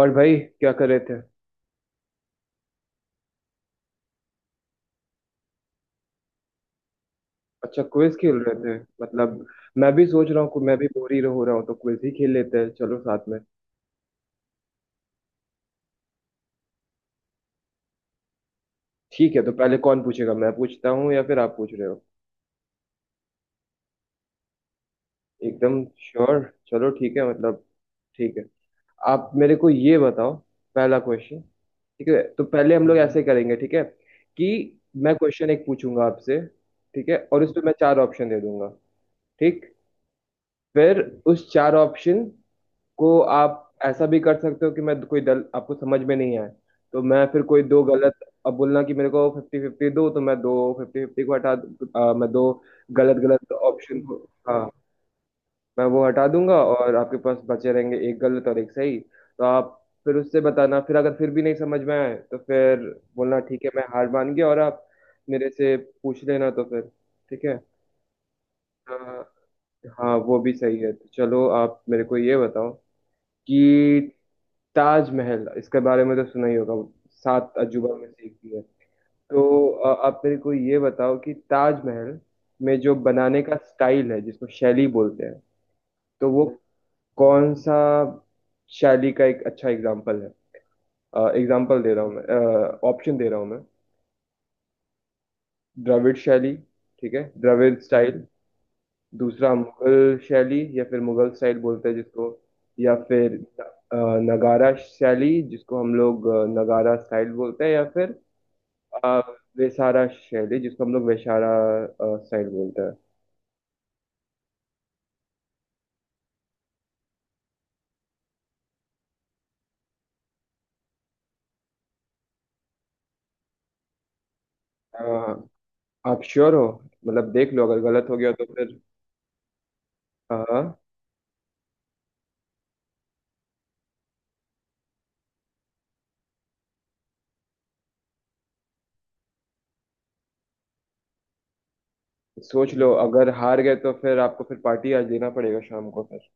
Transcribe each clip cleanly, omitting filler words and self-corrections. और भाई क्या कर रहे थे। अच्छा क्विज खेल रहे थे मतलब। मैं भी सोच रहा हूँ कि मैं भी बोर ही हो रहा हूँ तो क्विज ही खेल लेते हैं चलो साथ में। ठीक है तो पहले कौन पूछेगा, मैं पूछता हूँ या फिर आप पूछ रहे हो। एकदम श्योर। चलो ठीक है मतलब। ठीक है, आप मेरे को ये बताओ पहला क्वेश्चन। ठीक है तो पहले हम लोग ऐसे करेंगे, ठीक है कि मैं क्वेश्चन एक पूछूंगा आपसे। ठीक है और उस पे मैं चार ऑप्शन दे दूंगा। ठीक। फिर उस चार ऑप्शन को आप ऐसा भी कर सकते हो कि मैं कोई दल आपको समझ में नहीं आए तो मैं फिर कोई दो गलत अब बोलना कि मेरे को फिफ्टी फिफ्टी दो, तो मैं दो फिफ्टी फिफ्टी को मैं दो गलत गलत ऑप्शन को। हाँ, मैं वो हटा दूंगा और आपके पास बचे रहेंगे एक गलत और एक सही, तो आप फिर उससे बताना। फिर अगर फिर भी नहीं समझ में आए तो फिर बोलना ठीक है मैं हार मान गया और आप मेरे से पूछ लेना, तो फिर ठीक है। हाँ, हाँ, वो भी सही है। तो चलो आप मेरे को ये बताओ कि ताजमहल, इसके बारे में तो सुना ही होगा, सात अजूबा में से एक भी है। तो आप मेरे को ये बताओ कि ताजमहल में जो बनाने का स्टाइल है जिसको शैली बोलते हैं, तो वो कौन सा शैली का एक अच्छा एग्जाम्पल है। एग्जाम्पल दे रहा हूँ मैं, ऑप्शन दे रहा हूँ मैं। द्रविड़ शैली, ठीक है द्रविड़ स्टाइल। दूसरा मुगल शैली या फिर मुगल स्टाइल बोलते हैं जिसको, या फिर अ, नगारा शैली जिसको हम लोग नगारा स्टाइल बोलते हैं, या फिर अ, वेसारा शैली जिसको हम लोग वेशारा स्टाइल बोलते हैं। अ, आप श्योर हो, मतलब देख लो अगर गलत हो गया तो फिर। हाँ। सोच लो अगर हार गए तो फिर आपको फिर पार्टी आज देना पड़ेगा शाम को फिर।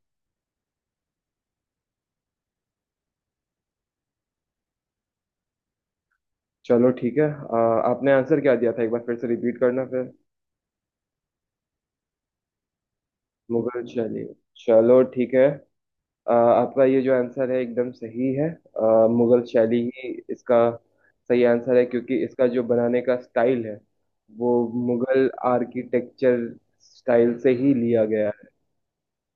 चलो ठीक है, आपने आंसर क्या दिया था एक बार फिर से रिपीट करना फिर। मुगल शैली, चलो ठीक है। आपका ये जो आंसर है एकदम सही है। मुगल शैली ही इसका सही आंसर है क्योंकि इसका जो बनाने का स्टाइल है वो मुगल आर्किटेक्चर स्टाइल से ही लिया गया है।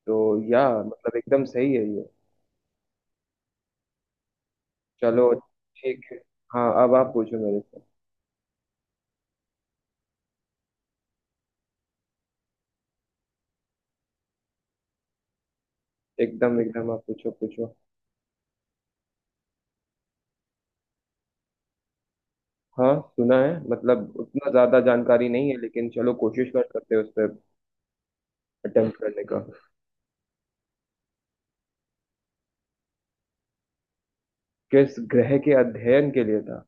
तो या मतलब एकदम सही है ये। चलो ठीक है। हाँ, अब आप पूछो मेरे से। एकदम एकदम आप पूछो पूछो। हाँ सुना है, मतलब उतना ज्यादा जानकारी नहीं है लेकिन चलो कोशिश कर सकते हैं उस पर अटेम्प्ट करने का। किस ग्रह के अध्ययन के लिए था,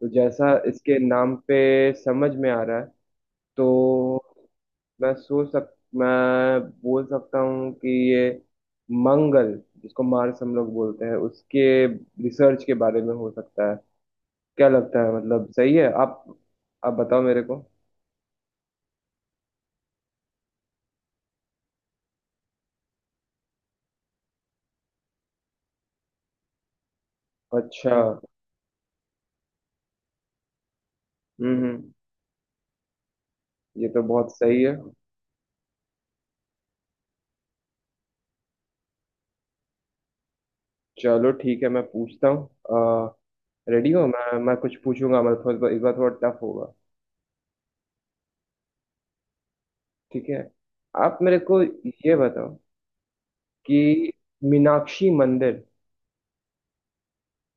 तो जैसा इसके नाम पे समझ में आ रहा है, तो मैं सोच सक मैं बोल सकता हूँ कि ये मंगल, जिसको मार्स हम लोग बोलते हैं, उसके रिसर्च के बारे में हो सकता है। क्या लगता है, मतलब सही है आप बताओ मेरे को। अच्छा। हम्म। ये तो बहुत सही है। चलो ठीक है मैं पूछता हूँ, रेडी हो, मैं कुछ पूछूंगा मतलब थोड़ा इस बार थोड़ा टफ होगा। ठीक है, आप मेरे को ये बताओ कि मीनाक्षी मंदिर,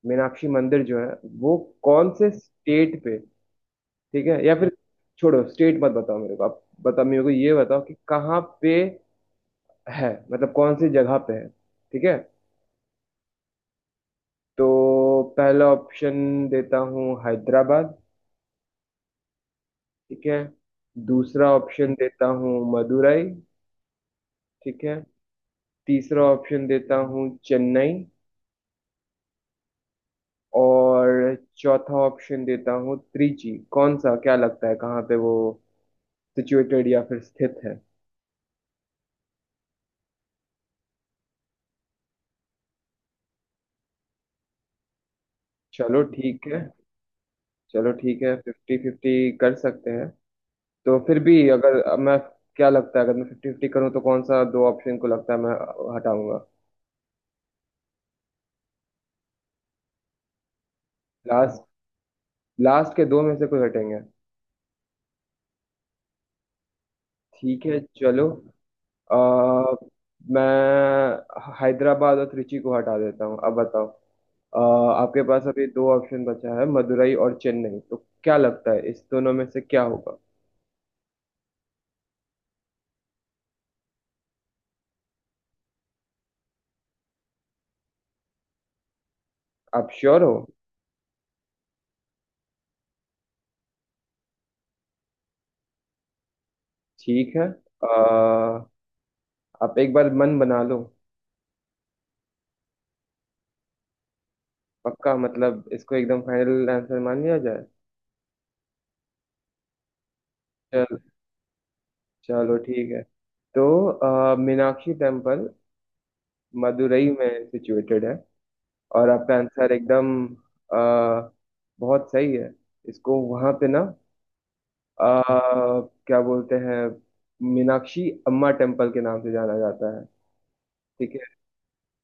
मीनाक्षी मंदिर जो है वो कौन से स्टेट पे, ठीक है, या फिर छोड़ो स्टेट मत बताओ मेरे को, आप बताओ मेरे को, ये बताओ कि कहाँ पे है, मतलब कौन सी जगह पे है, ठीक है। तो पहला ऑप्शन देता हूँ हैदराबाद, ठीक है। दूसरा ऑप्शन देता हूँ मदुरई, ठीक है। तीसरा ऑप्शन देता हूँ चेन्नई, और चौथा ऑप्शन देता हूँ त्रिची। कौन सा, क्या लगता है कहाँ पे वो सिचुएटेड या फिर स्थित है। चलो ठीक है, चलो ठीक है फिफ्टी फिफ्टी कर सकते हैं। तो फिर भी अगर मैं, क्या लगता है अगर मैं फिफ्टी फिफ्टी करूँ तो कौन सा दो ऑप्शन को लगता है मैं हटाऊंगा। लास्ट, लास्ट के दो में से कोई हटेंगे। ठीक है चलो, अ, मैं हैदराबाद और त्रिची को हटा देता हूँ। अब बताओ, आपके पास अभी दो ऑप्शन बचा है मदुरई और चेन्नई, तो क्या लगता है इस दोनों में से क्या होगा। आप श्योर हो। ठीक है, अ, आप एक बार मन बना लो। पक्का मतलब इसको एकदम फाइनल आंसर मान लिया जाए। चल चलो ठीक है तो मीनाक्षी टेम्पल मदुरई में सिचुएटेड है और आपका आंसर एकदम अ, बहुत सही है। इसको वहां पे ना आ, क्या बोलते हैं, मीनाक्षी अम्मा टेम्पल के नाम से जाना जाता है, ठीक है।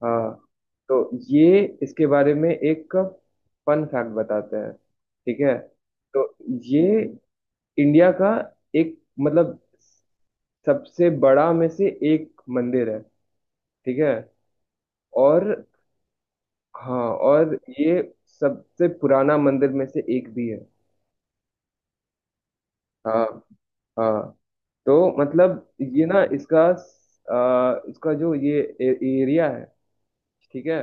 हाँ। तो ये इसके बारे में एक फन फैक्ट बताते हैं, ठीक है। तो ये इंडिया का एक मतलब सबसे बड़ा में से एक मंदिर है, ठीक है। और हाँ और ये सबसे पुराना मंदिर में से एक भी है। हाँ हाँ। तो मतलब ये ना इसका इसका जो ये एरिया है, ठीक है,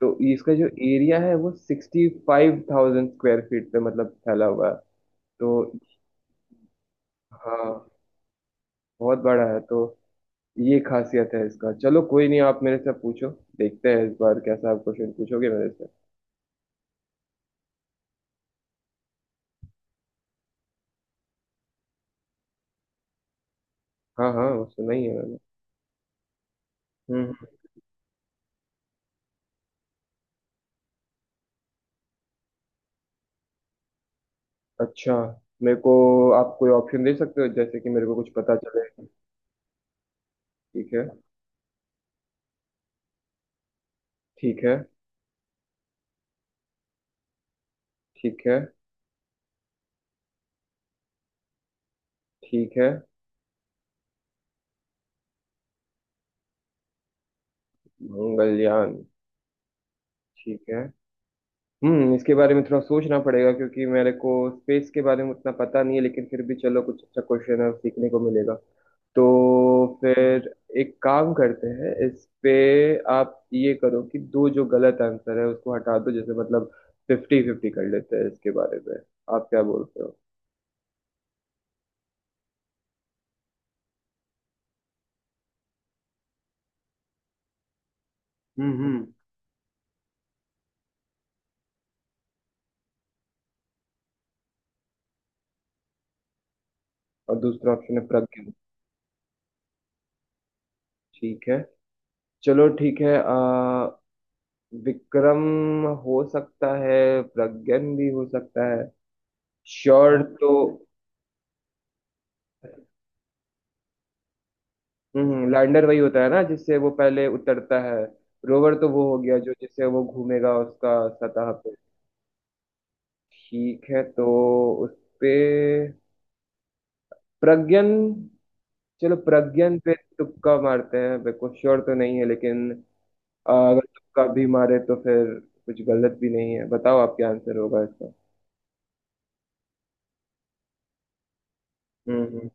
तो इसका जो एरिया है वो 65,000 स्क्वायर फीट पे मतलब फैला हुआ है। तो हाँ बहुत बड़ा है, तो ये खासियत है इसका। चलो कोई नहीं, आप मेरे से पूछो, देखते हैं इस बार कैसा आप क्वेश्चन पूछोगे मेरे से। हाँ हाँ वो सुना ही है मैंने। हम्म। अच्छा, मेरे को आप कोई ऑप्शन दे सकते हो जैसे कि मेरे को कुछ पता चले। ठीक है। ठीक है। ठीक है। ठीक है। मंगलयान, ठीक है। हम्म, इसके बारे में थोड़ा सोचना पड़ेगा क्योंकि मेरे को स्पेस के बारे में उतना पता नहीं है, लेकिन फिर भी चलो कुछ अच्छा क्वेश्चन है सीखने को मिलेगा। तो फिर एक काम करते हैं इस पे, आप ये करो कि दो जो गलत आंसर है उसको हटा दो, जैसे मतलब फिफ्टी फिफ्टी कर लेते हैं इसके बारे में, आप क्या बोलते हो। हम्म। और दूसरा ऑप्शन है प्रज्ञा। ठीक है। चलो ठीक है आ, विक्रम हो सकता है, प्रज्ञन भी हो सकता है। श्योर तो। हम्म, लैंडर वही होता है ना जिससे वो पहले उतरता है, रोवर तो वो हो गया जो जिससे वो घूमेगा उसका सतह पे। ठीक है तो उस पे प्रज्ञन, चलो प्रज्ञन पे तुक्का मारते हैं, मेरे को श्योर तो नहीं है लेकिन अगर तुक्का भी मारे तो फिर कुछ गलत भी नहीं है, बताओ आप क्या आंसर होगा इसका। हम्म हम्म।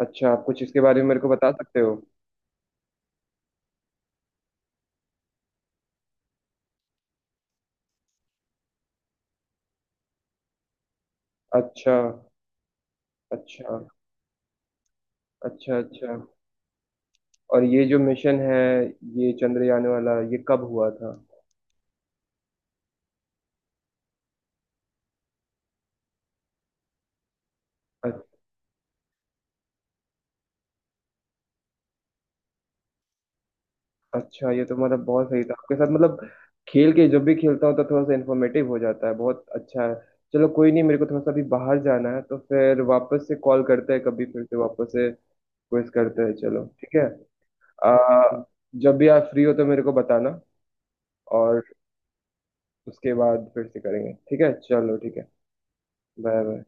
अच्छा, आप कुछ इसके बारे में मेरे को बता सकते हो। अच्छा। अच्छा अच्छा अच्छा। और ये जो मिशन है, ये चंद्रयान वाला ये कब हुआ था। अ- अच्छा ये तो मतलब बहुत सही था आपके साथ, मतलब खेल के जब भी खेलता हूँ तो थोड़ा सा इन्फॉर्मेटिव हो जाता है, बहुत अच्छा है। चलो कोई नहीं, मेरे को थोड़ा सा अभी बाहर जाना है, तो फिर वापस से कॉल करते हैं, कभी फिर से वापस से क्विज करते हैं, चलो ठीक है। आ, जब भी आप फ्री हो तो मेरे को बताना और उसके बाद फिर से करेंगे, ठीक है चलो ठीक है। Bye bye.